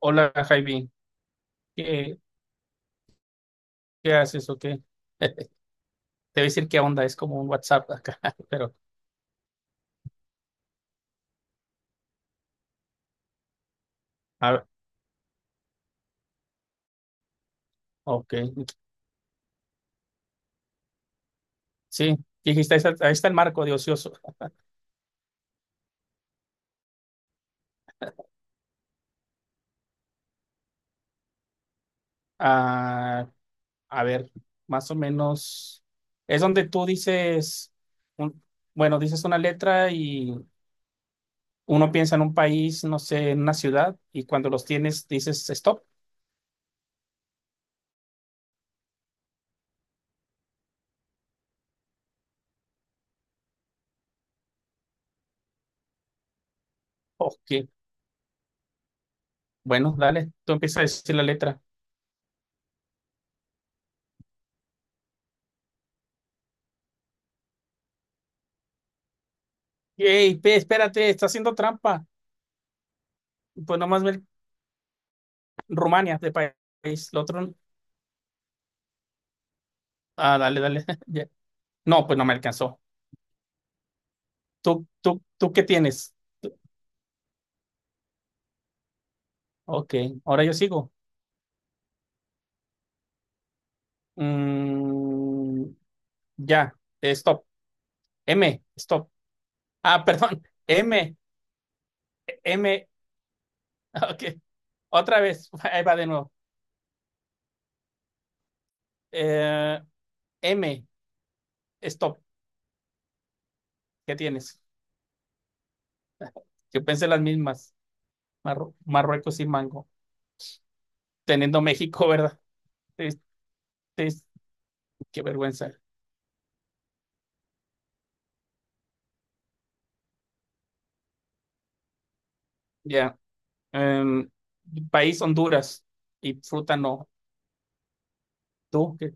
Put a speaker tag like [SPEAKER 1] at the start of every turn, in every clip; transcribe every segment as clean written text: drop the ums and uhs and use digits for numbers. [SPEAKER 1] Hola, Jaime. ¿Qué, qué haces o qué? Te voy a decir qué onda, es como un WhatsApp acá, pero a ver, ok. Sí, dijiste, ahí está el marco de ocioso. Ah, a ver, más o menos, es donde tú dices, un- bueno, dices una letra y uno piensa en un país, no sé, en una ciudad, y cuando los tienes dices stop. Ok, bueno, dale, tú empiezas a decir la letra. Hey, espérate, está haciendo trampa. Pues nomás ve Rumania de país. Lo otro, ah, dale, dale. Ya. No, pues no me alcanzó. ¿Tú qué tienes? Tú- Ok, ahora yo sigo. Mm, ya, stop. M, stop. Ah, perdón. M, M. Ok, otra vez. Ahí va de nuevo. Eh, M, stop. ¿Qué tienes? Yo pensé las mismas. Marruecos y Mango. Teniendo México, ¿verdad? Es- es- qué vergüenza. Ya. En país Honduras y fruta no. Tú, que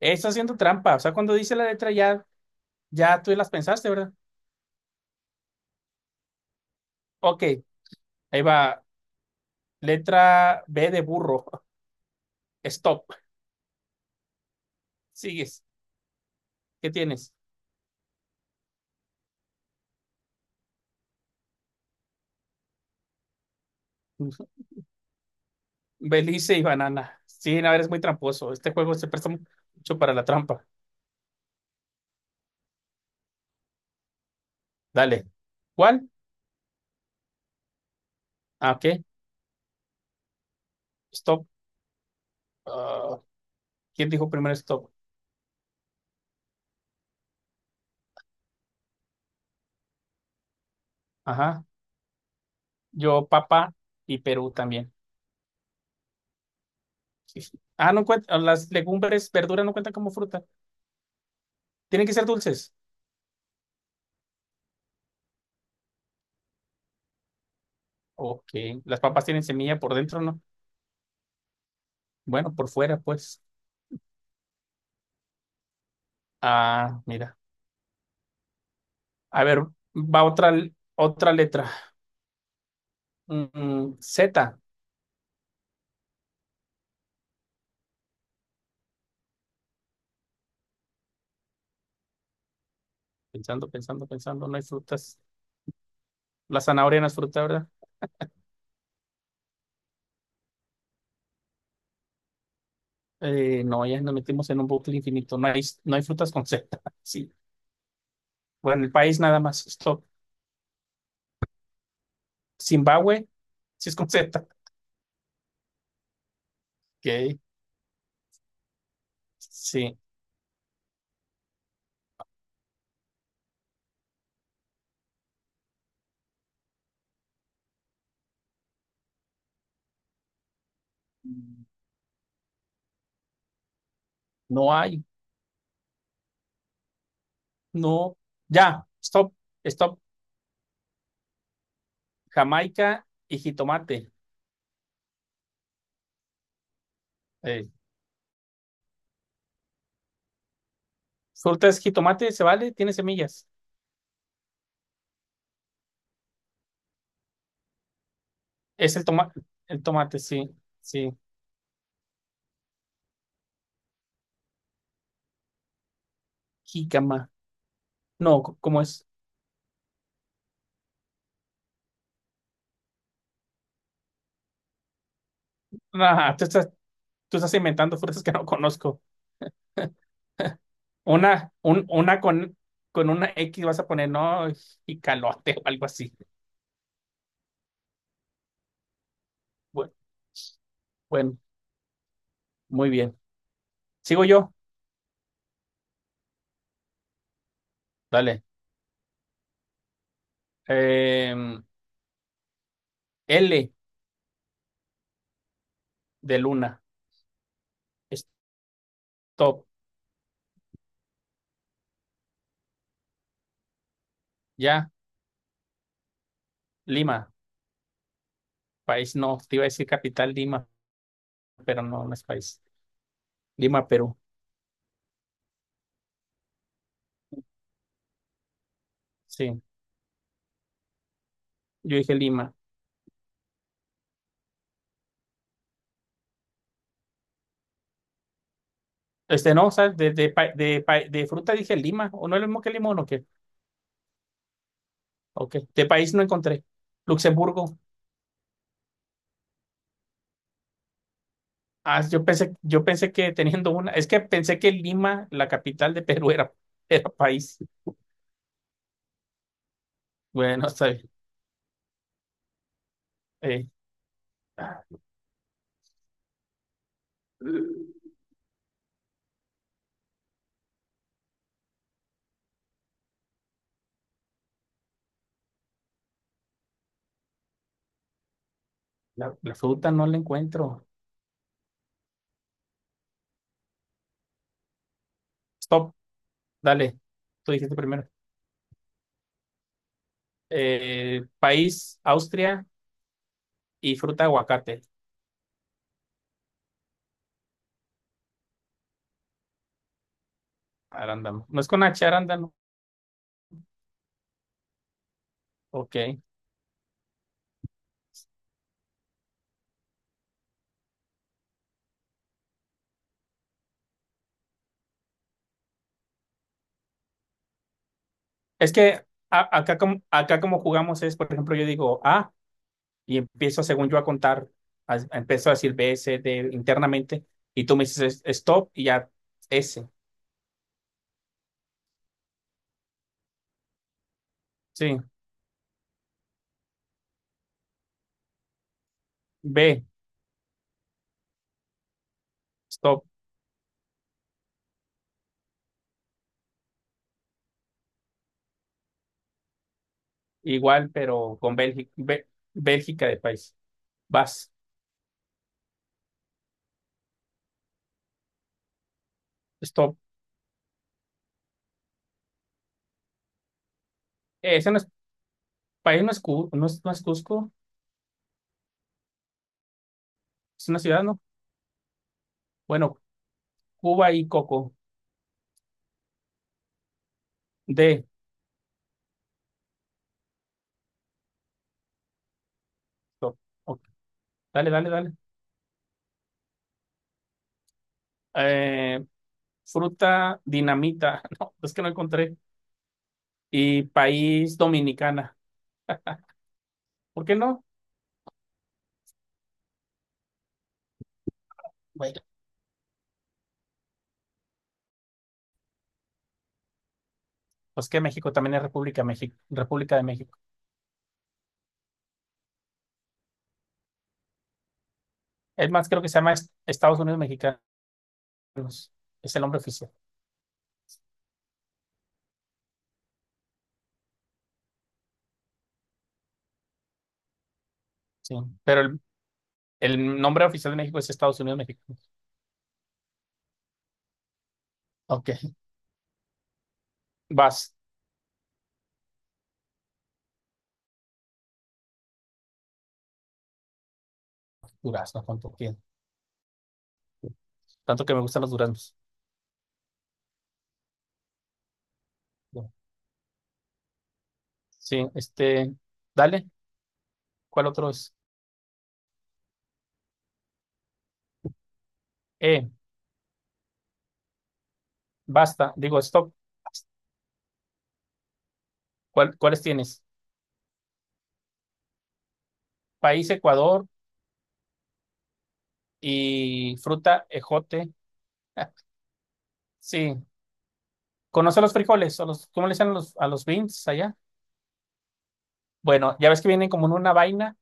[SPEAKER 1] Está haciendo trampa. O sea, cuando dice la letra ya, ya tú las pensaste, ¿verdad? Ok, ahí va. Letra B de burro. Stop. Sigues. ¿Qué tienes? Belice y banana. Sí, no, eres muy tramposo. Este juego se presta mucho para la trampa. Dale. ¿Cuál? Ah, ok. Stop. Ah, ¿quién dijo primero stop? Ajá. Yo, papá y Perú también. Ah, no cuenta, las legumbres, verduras no cuentan como fruta. Tienen que ser dulces. Ok, las papas tienen semilla por dentro, ¿no? Bueno, por fuera, pues. Ah, mira. A ver, va otra, otra letra. Z. Pensando, pensando, pensando, no hay frutas. La zanahoria no es fruta, ¿verdad? No, ya nos metimos en un bucle infinito. No hay, no hay frutas con Z. Sí. Bueno, el país nada más. Stop. Zimbabue, sí es con Z. Ok, sí. No hay, no. Ya, stop. Stop. Jamaica y jitomate. Eh, fruta es jitomate, ¿se vale? Tiene semillas. Es el tomate, sí, sí. Jícama. No, ¿cómo es? Ah, tú estás inventando frutas que no conozco. Una con una X vas a poner, no, jicalote o algo así. Bueno, bueno, muy bien. Sigo yo. Dale. Em, L de Luna. Stop. Ya. Lima. País no. Te iba a decir capital Lima, pero no, no es país. Lima, Perú. Sí, yo dije Lima. Este no, ¿sabes? De fruta dije Lima. ¿O no es lo mismo que limón o qué? Ok. De país no encontré. Luxemburgo. Ah, yo pensé que teniendo una. Es que pensé que Lima, la capital de Perú, era país. Bueno, está bien. Eh, la fruta no la encuentro. Stop, dale. Tú dijiste primero. País, Austria y fruta aguacate. Arándano. No es con H, arándano. Ok. Es que acá como jugamos es, por ejemplo, yo digo A y empiezo según yo a contar, empiezo a decir B, C, D internamente y tú me dices stop y ya S, sí, B, stop, igual pero con Bélgica, Bélgica de país, vas, stop. Ese no es, país no es, Cu- no es, no es Cusco, es una ciudad, ¿no? Bueno, Cuba y Coco, D, stop, Ok, dale. Eh, fruta dinamita, no, es que no encontré. Y país Dominicana. ¿Por qué no? Bueno, pues que México también es República, México, República de México. Es más, creo que se llama Estados Unidos Mexicanos. Es el nombre oficial. Sí, pero el nombre oficial de México es Estados Unidos Mexicanos. Ok, vas. Durazno, cuánto tiene. Tanto que me gustan los duraznos. Bueno, sí, este, dale. ¿Cuál otro es? Eh, basta. Digo, stop. ¿Cuáles tienes? País Ecuador y fruta ejote. Sí, ¿conoce los frijoles? O los, ¿cómo le dicen a los beans allá? Bueno, ya ves que vienen como en una vaina,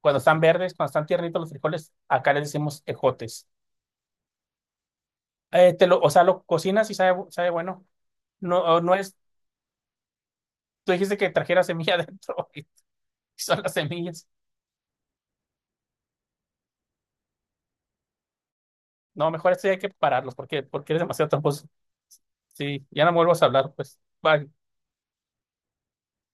[SPEAKER 1] cuando están verdes, cuando están tiernitos los frijoles, acá les decimos ejotes. Te lo, o sea, lo cocinas y sabe, sabe bueno. No, o no es, tú dijiste que trajera semilla adentro y son las semillas. No, mejor esto ya hay que pararlos porque, porque eres demasiado tramposo. Sí, ya no me vuelvas a hablar, pues. Bye.